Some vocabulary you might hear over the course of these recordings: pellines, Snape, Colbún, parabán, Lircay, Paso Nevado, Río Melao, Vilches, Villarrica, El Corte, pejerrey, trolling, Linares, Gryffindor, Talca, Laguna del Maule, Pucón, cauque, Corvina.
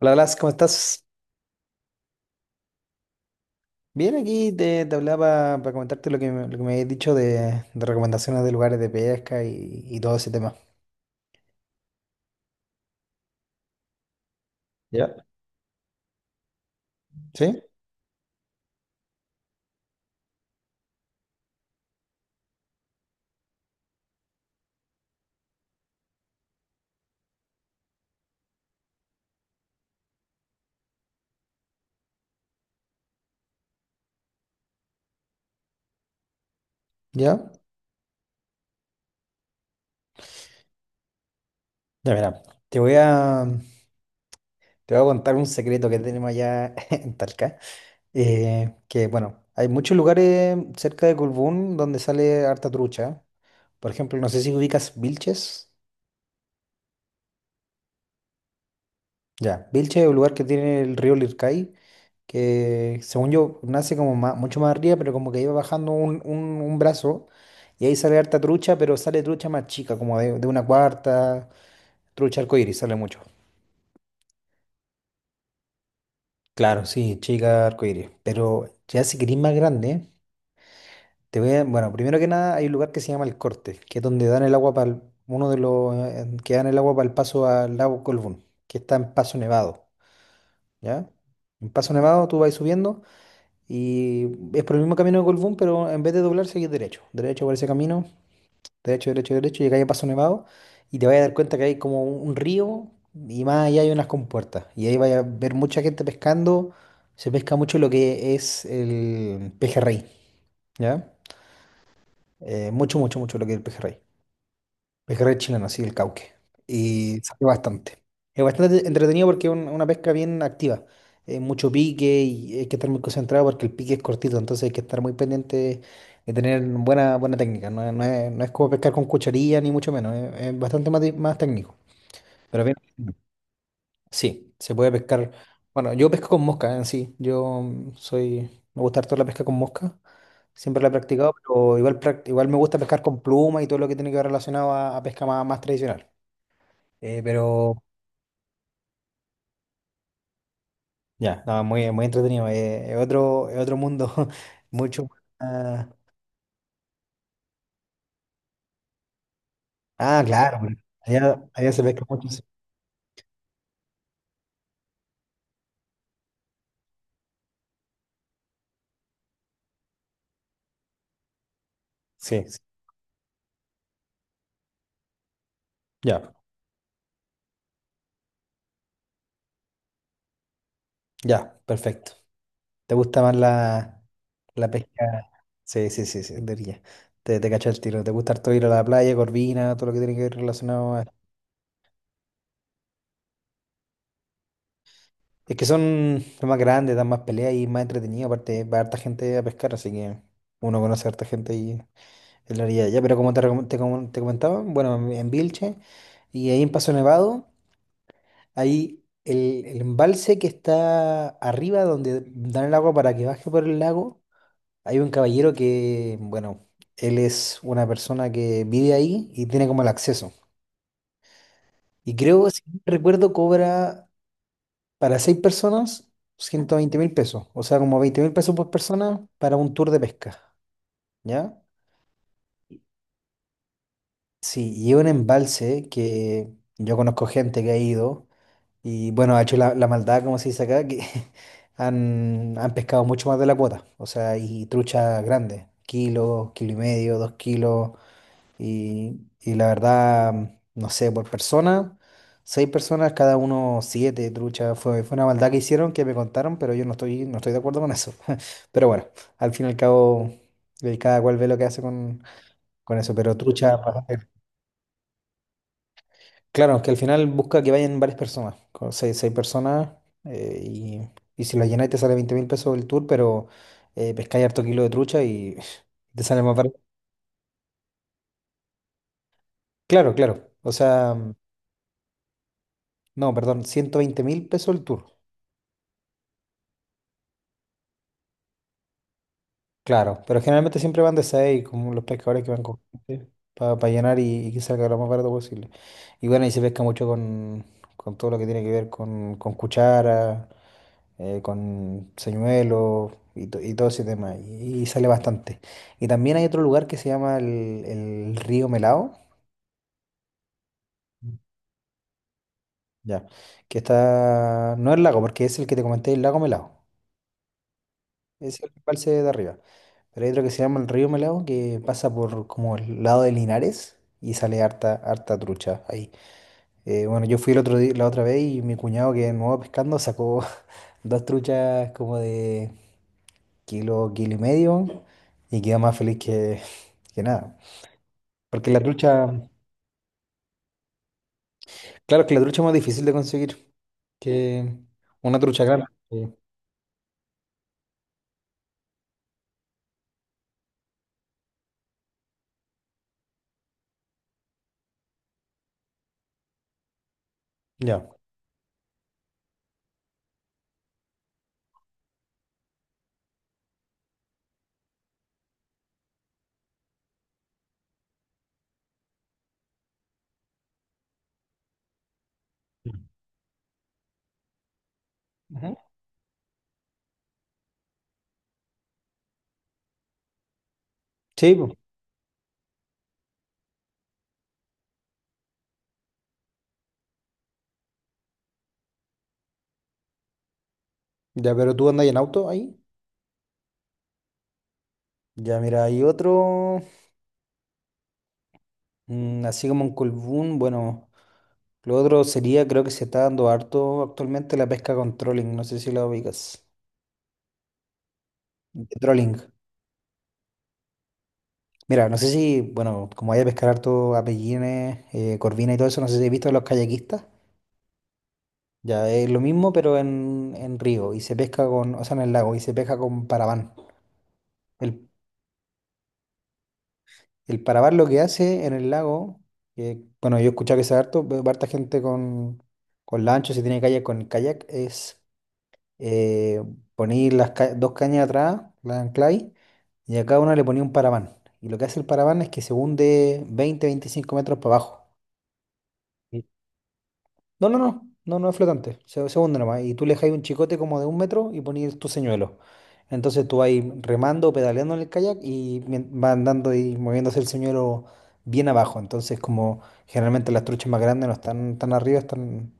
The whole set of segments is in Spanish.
Hola, Blas, ¿cómo estás? Bien, aquí te hablaba para comentarte lo que me habías dicho de recomendaciones de lugares de pesca y todo ese tema. ¿Ya? ¿Sí? ¿Ya? Ya, mira, te voy a, te voy a contar un secreto que tenemos allá en Talca. Bueno, hay muchos lugares cerca de Colbún donde sale harta trucha. Por ejemplo, no sé si ubicas Vilches. Ya, Vilches es un lugar que tiene el río Lircay, que según yo nace como mucho más arriba, pero como que iba bajando un brazo y ahí sale harta trucha, pero sale trucha más chica, como de una cuarta, trucha arcoíris, sale mucho. Claro, sí, chica arcoíris, pero ya si querís más grande, bueno, primero que nada hay un lugar que se llama El Corte, que es donde dan el agua para uno de los que dan el agua para el paso al lago Colbún, que está en Paso Nevado, ¿ya? En Paso Nevado tú vas subiendo. Y es por el mismo camino de Colbún, pero en vez de doblar, seguís derecho. Derecho por ese camino, derecho, derecho, derecho, llegáis a Paso Nevado y te vais a dar cuenta que hay como un río, y más allá hay unas compuertas. Y ahí vais a ver mucha gente pescando. Se pesca mucho lo que es el pejerrey, ¿ya? Mucho, mucho, mucho lo que es el pejerrey. Pejerrey chileno, sí, el cauque. Y sale bastante. Es bastante entretenido porque es una pesca bien activa. Mucho pique, y hay que estar muy concentrado porque el pique es cortito, entonces hay que estar muy pendiente de tener buena, buena técnica. No, no es como pescar con cucharilla ni mucho menos, es bastante más, más técnico. Pero bien, sí, se puede pescar. Bueno, yo pesco con mosca en sí. Me gusta harto la pesca con mosca. Siempre la he practicado, pero igual, igual me gusta pescar con pluma y todo lo que tiene que ver relacionado a pesca más, más tradicional. Pero ya, no, muy, muy entretenido. Es otro mundo, mucho más- Ah, claro, pero allá se pesca mucho. Sí, sí, sí, ya, ya, perfecto. ¿Te gusta más la pesca? Sí, sí, sí, sí, de orilla. Te cacho el tiro. ¿Te gusta harto ir a la playa, Corvina, todo lo que tiene que ver relacionado a...? Es que son más grandes, dan más peleas y más entretenido. Aparte, va harta gente a pescar, así que uno conoce a harta gente y... En la orilla, ya, pero como te comentaba, bueno, en Vilche y ahí en Paso Nevado, ahí el embalse que está arriba donde dan el agua para que baje por el lago, hay un caballero que, bueno, él es una persona que vive ahí y tiene como el acceso. Y creo, si no recuerdo, cobra para seis personas 120.000 pesos, o sea, como 20.000 pesos por persona para un tour de pesca, ¿ya? Sí, y es un embalse que yo conozco gente que ha ido. Y bueno, ha hecho la maldad, como se dice acá, que han pescado mucho más de la cuota. O sea, y trucha grande, kilo, kilo y medio, 2 kilos. Y la verdad, no sé, por persona, seis personas, cada uno siete truchas. Fue una maldad que hicieron, que me contaron, pero yo no estoy de acuerdo con eso. Pero bueno, al fin y al cabo, cada cual ve lo que hace con eso. Pero trucha... Claro, es que al final busca que vayan varias personas, con seis personas, eh, y, y si la llenáis te sale 20.000 pesos el tour, pero pescáis harto kilo de trucha y te sale más barato. Claro, claro, o sea, no, perdón, 120.000 pesos el tour, claro, pero generalmente siempre van de seis, como los pescadores que van con para llenar y que salga lo más barato posible. Y bueno, y se pesca mucho con todo lo que tiene que ver con cuchara, con señuelos y todo ese tema, y sale bastante. Y también hay otro lugar que se llama el Río Melao, ya, que está, no el lago, porque es el que te comenté, el lago Melao, es el embalse de arriba, pero hay otro que se llama el Río Melao, que pasa por como el lado de Linares y sale harta, harta trucha ahí. Bueno, yo fui el otro día, la otra vez, y mi cuñado, que es nuevo pescando, sacó dos truchas como de kilo, kilo y medio, y queda más feliz que nada. Porque la trucha, claro que la trucha es más difícil de conseguir que una trucha grande. Ya. Ujú. Sí, po. Ya, pero tú andas en auto ahí. Ya, mira, hay otro, así como un colbún, bueno, lo otro sería, creo que se está dando harto actualmente la pesca con trolling, no sé si la ubicas. De Trolling. Mira, no sé si, bueno, como hay a pescar harto a pellines, corvina y todo eso, no sé si has visto a los kayakistas. Ya, es lo mismo, pero en río y se pesca con, o sea, en el lago y se pesca con parabán. El, el parabán, lo que hace en el lago, que, bueno, yo he escuchado que se harto, veo harta gente con lancho, si tiene kayak con kayak, es eh, poner las dos cañas atrás, las ancláis, y a cada una le ponía un parabán. Y lo que hace el parabán es que se hunde 20, 25 metros para abajo. No, no, no, no, no es flotante, se hunde nomás. Y tú le dejas un chicote como de un metro y pones tu señuelo. Entonces tú vas ahí remando, pedaleando en el kayak va andando y moviéndose el señuelo bien abajo. Entonces, como generalmente las truchas más grandes no están tan arriba, están,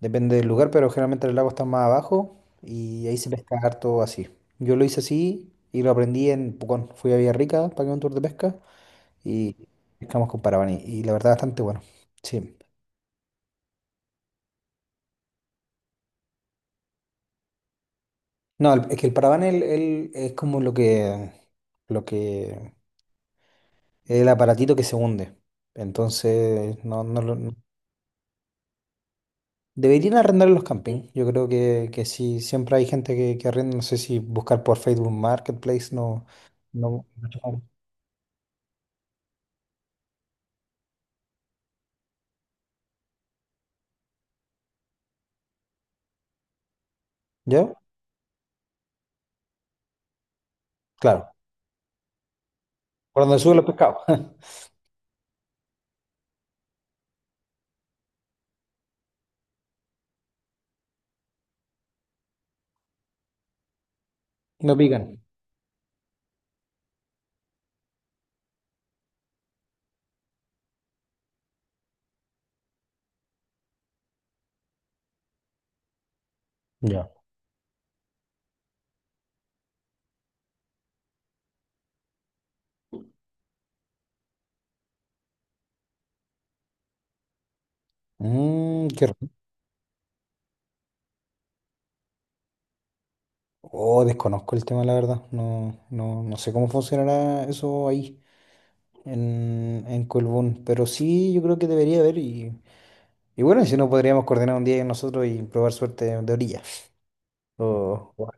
depende del lugar, pero generalmente el lago está más abajo, y ahí se pesca harto así. Yo lo hice así y lo aprendí en Pucón. Fui a Villarrica, pagué un tour de pesca y pescamos con Paravaní. Y la verdad, bastante bueno. Sí. No, es que el paraván es como lo que, lo que, el aparatito que se hunde. Entonces, no, Deberían arrendar los campings. Yo creo que sí, siempre hay gente que arrenda. No sé si buscar por Facebook Marketplace. No, no. ¿Ya? Claro. Por donde suben los pescados. No pican. Ya. Qué rico. Oh, desconozco el tema, la verdad. No, no, no sé cómo funcionará eso ahí. En Colbún. Pero sí, yo creo que debería haber. Y bueno, si no, podríamos coordinar un día nosotros y probar suerte de orilla. O, o-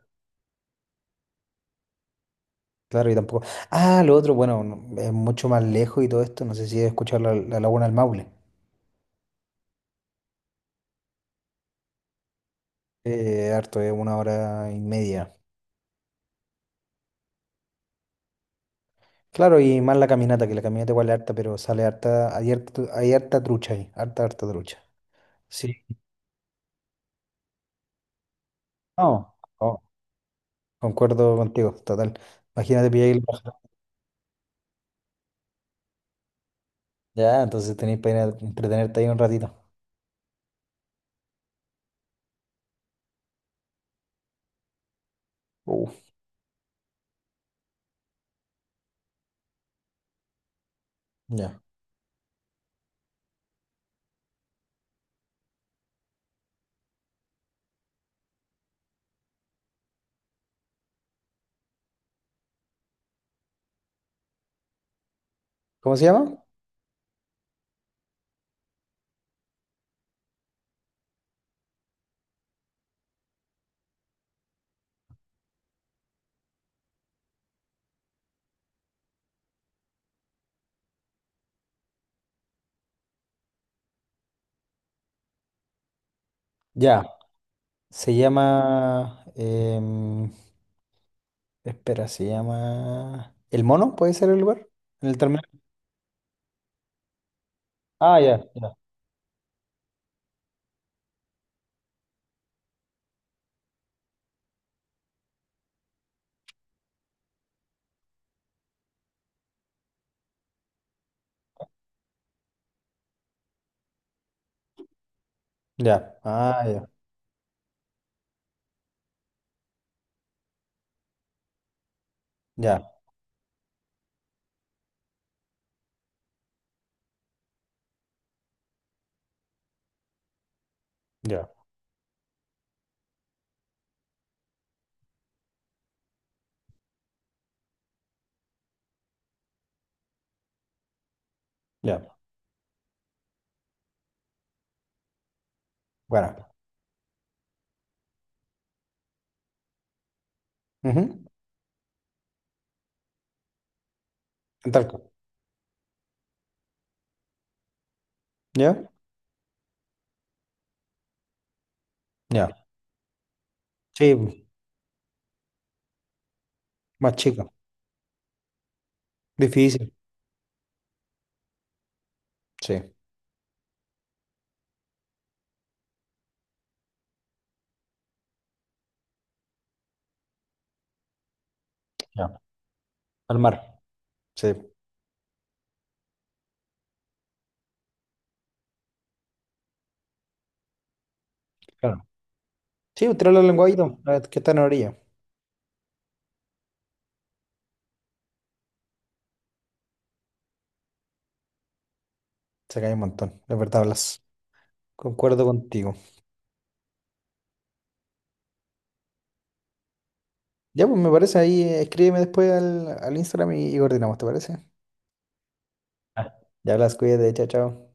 claro, y tampoco. Ah, lo otro, bueno, es mucho más lejos y todo esto. No sé si he escuchado la Laguna del Maule. Harto, es una hora y media. Claro, y más la caminata, que la caminata igual es harta, pero sale harta, hay harta, hay harta trucha ahí, harta, harta trucha. Sí. No, no, concuerdo contigo, total. Imagínate pillar ahí la paja. Ya, entonces tenéis para ir a entretenerte ahí un ratito. Uh. Ya. ¿Cómo se llama? Ya. Se llama, espera, se llama. ¿El Mono? ¿Puede ser el lugar? ¿En el terminal? Ah, ya, ya. Ya. Ah, ya. Ya, ya, ya. Bueno. Ujú. En Talca. ¿Ya? Ya. Sí, más chico. Difícil. Sí. Ya. Al mar. Sí, claro. Sí, usted habla lenguadito, la que está en la orilla. Se cae un montón. De verdad hablas. Concuerdo contigo. Ya, pues me parece ahí. Escríbeme después al, al Instagram y coordinamos, ¿te parece? Ya, las cuídate, chao, chao.